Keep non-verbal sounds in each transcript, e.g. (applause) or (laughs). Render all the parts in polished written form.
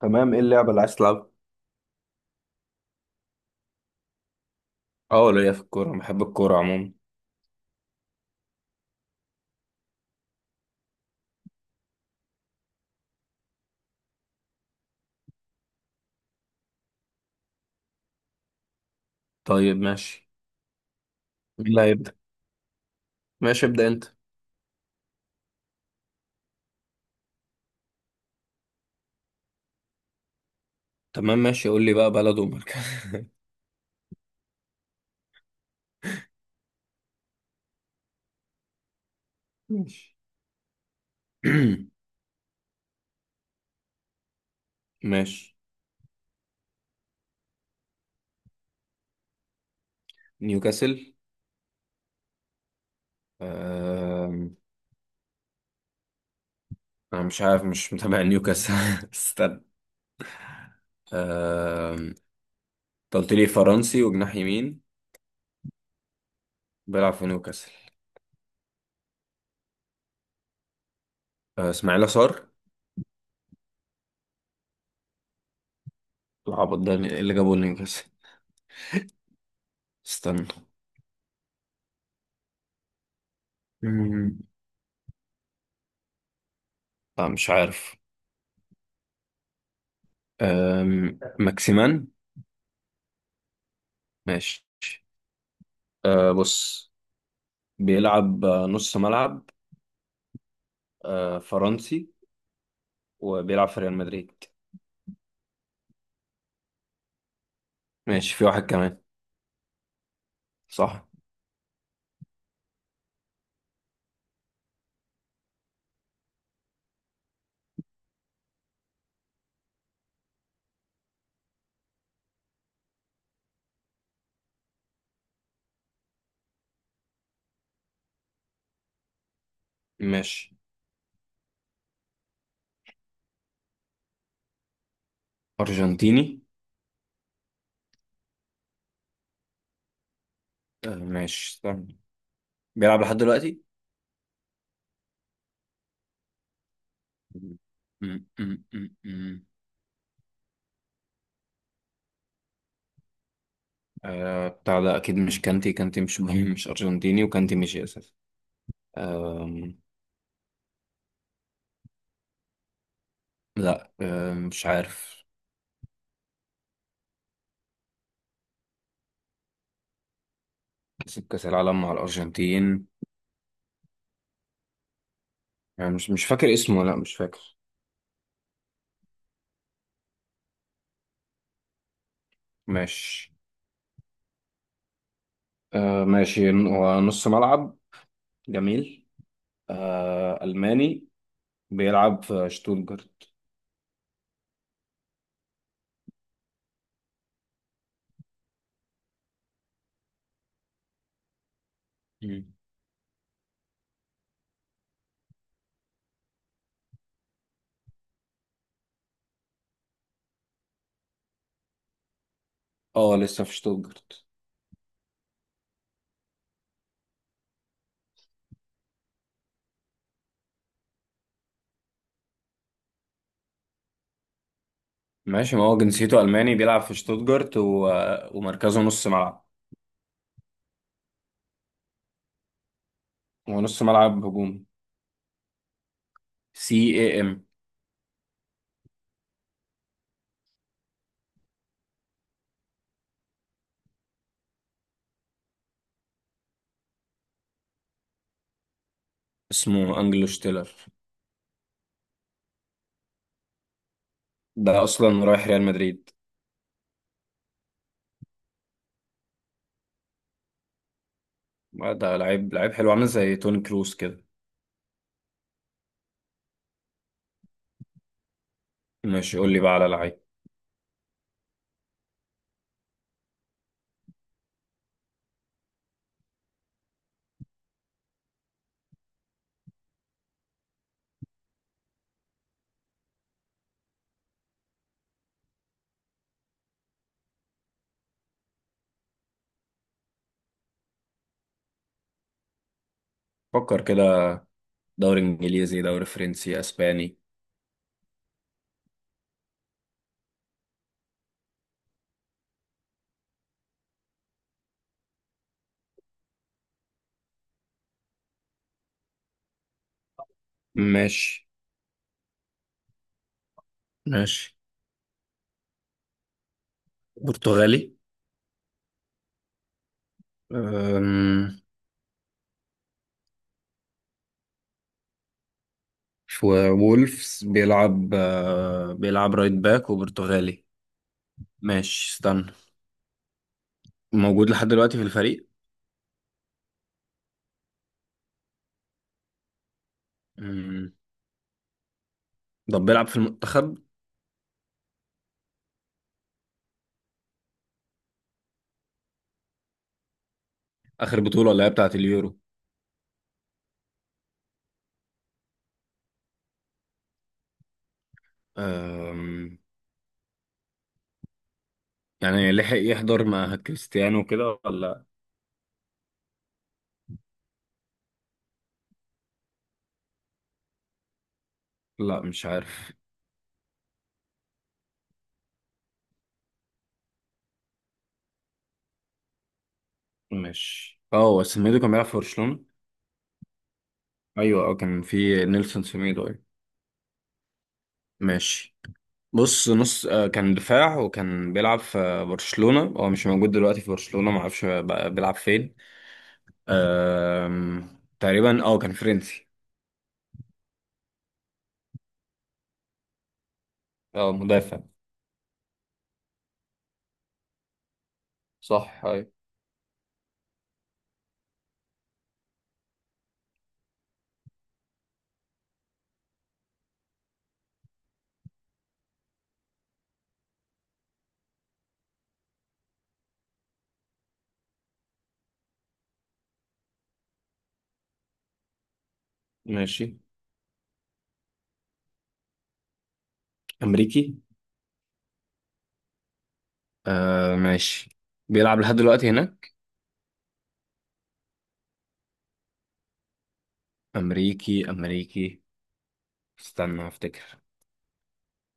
تمام، ايه اللعبة اللي عايز تلعبها؟ اه، ليا في الكورة، بحب الكورة عموما. طيب ماشي. مين اللي هيبدأ؟ ماشي، ابدأ انت. تمام ماشي، قول لي بقى بلد ومركز. (laughs) ماشي. (clears throat) ماشي. نيوكاسل. آم، انا مش عارف، مش متابع نيوكاسل. (laughs) استنى. آم، انت قلت لي فرنسي وجناح يمين، بيلعب في نيوكاسل. اسماعيل صار؟ العبط ده ايه اللي جابه نيوكاسل؟ استنى. مم، لا، مش عارف. ماكسيمان. ماشي. بص، بيلعب نص ملعب، فرنسي، وبيلعب في ريال مدريد. ماشي، في واحد كمان. صح. ماشي. أرجنتيني. ماشي، استنى. بيلعب لحد دلوقتي. م- م- م- م. بتاع ده أكيد مش كانتي. كانتي مش (laughs) مهم. مش أرجنتيني، وكانتي مش أساسي. آم، لا، مش عارف. كسب كأس العالم مع الأرجنتين. يعني مش فاكر اسمه، لا مش فاكر. ماشي. ماشي، هو نص ملعب. جميل. ألماني، بيلعب في شتوتجارت. مم. اه، لسه في شتوتجارت. ماشي، ما هو جنسيته ألماني، بيلعب في شتوتجارت و ومركزه نص ملعب. هو نص ملعب هجومي. CAM. اسمه أنجلو شتيلر. ده أصلا رايح ريال مدريد. ده لعيب، لعيب حلو، عامل زي توني كروس كده. ماشي، قول لي بقى على لعيب. فكر كده، دوري إنجليزي، دوري فرنسي، أسباني. ماشي. ماشي. برتغالي. أم... وولفز، بيلعب رايت باك وبرتغالي. ماشي، استنى. موجود لحد دلوقتي في الفريق؟ مم. طب بيلعب في المنتخب؟ آخر بطولة اللي هي بتاعة اليورو. أم. يعني لحق يحضر مع كريستيانو كده ولا؟ لا، مش عارف. ماشي. اه، هو سميدو كان بيلعب في برشلونة. ايوه، اه، كان في نيلسون سميدو. ايوه. ماشي. بص، نص كان دفاع وكان بيلعب في برشلونة. هو مش موجود دلوقتي في برشلونة، معرفش بقى بيلعب فين. أم... تقريبا كان فرنسي. اه، مدافع. صح. ايوه. ماشي. أمريكي. ماشي، بيلعب لحد دلوقتي هناك. أمريكي، أمريكي. استنى أفتكر.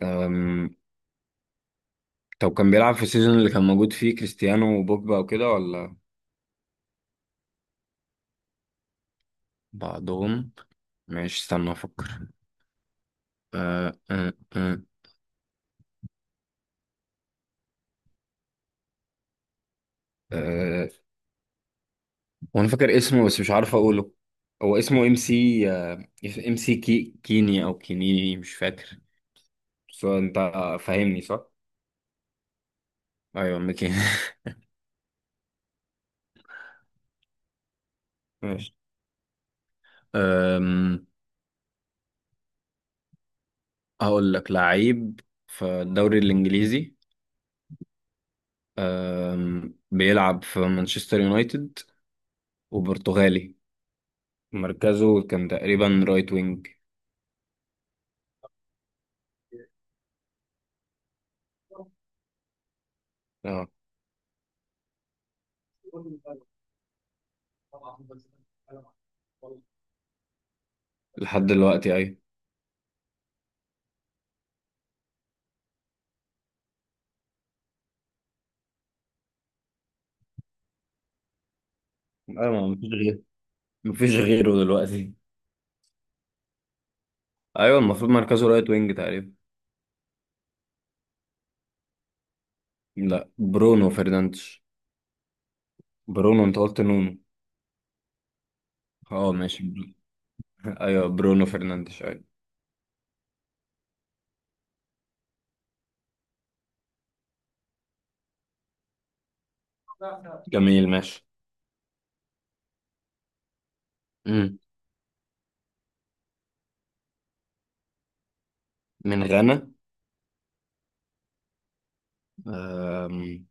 أم... طب كان بيلعب في السيزون اللي كان موجود فيه كريستيانو وبوجبا وكده ولا؟ بعدهم. ماشي، استنى أفكر. آه آه آه آه. وأنا فاكر اسمه، بس مش عارف أقوله. هو اسمه MC، MCK، كيني أو كينيني، مش فاكر. بس هو أنت فاهمني صح؟ ايوه، ميكي. (laughs) ماشي. أم، هقول لك لعيب في الدوري الانجليزي. بيلعب في مانشستر يونايتد وبرتغالي. مركزه كان تقريبا رايت وينج. اه، لحد دلوقتي ايوه. ايوه، مفيش غيره. مفيش غيره دلوقتي. ايوه، المفروض مركزه رايت وينج تقريبا. لا، برونو فرنانديز. برونو، انت قلت نونو. اه ماشي. (laughs) ايوه، برونو فرنانديز، ايوه. جميل ماشي. من غانا. أم،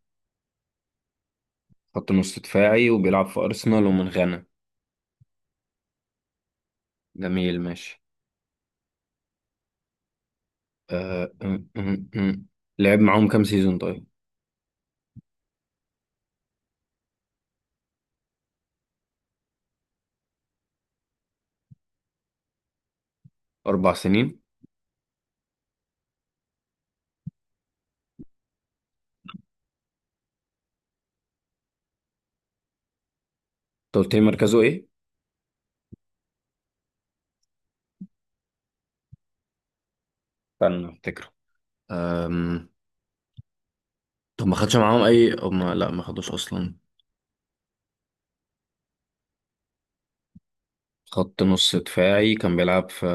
خط نص دفاعي، وبيلعب في أرسنال ومن غانا. جميل ماشي. أه، أم، أم، أم. لعب معاهم كام سيزون طيب؟ 4 سنين. أنت قلت لي مركزه إيه؟ استنى أفتكره. أم، طب ما خدش معاهم أي؟ أو ما... لا، ما خدوش أصلا. خط نص دفاعي،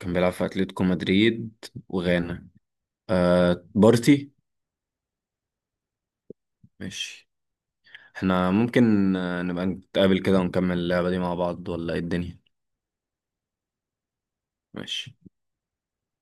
كان بيلعب في أتلتيكو مدريد وغانا. بارتي. ماشي. احنا ممكن نبقى نتقابل كده ونكمل اللعبة دي مع بعض، ولا ايه الدنيا؟ ماشي.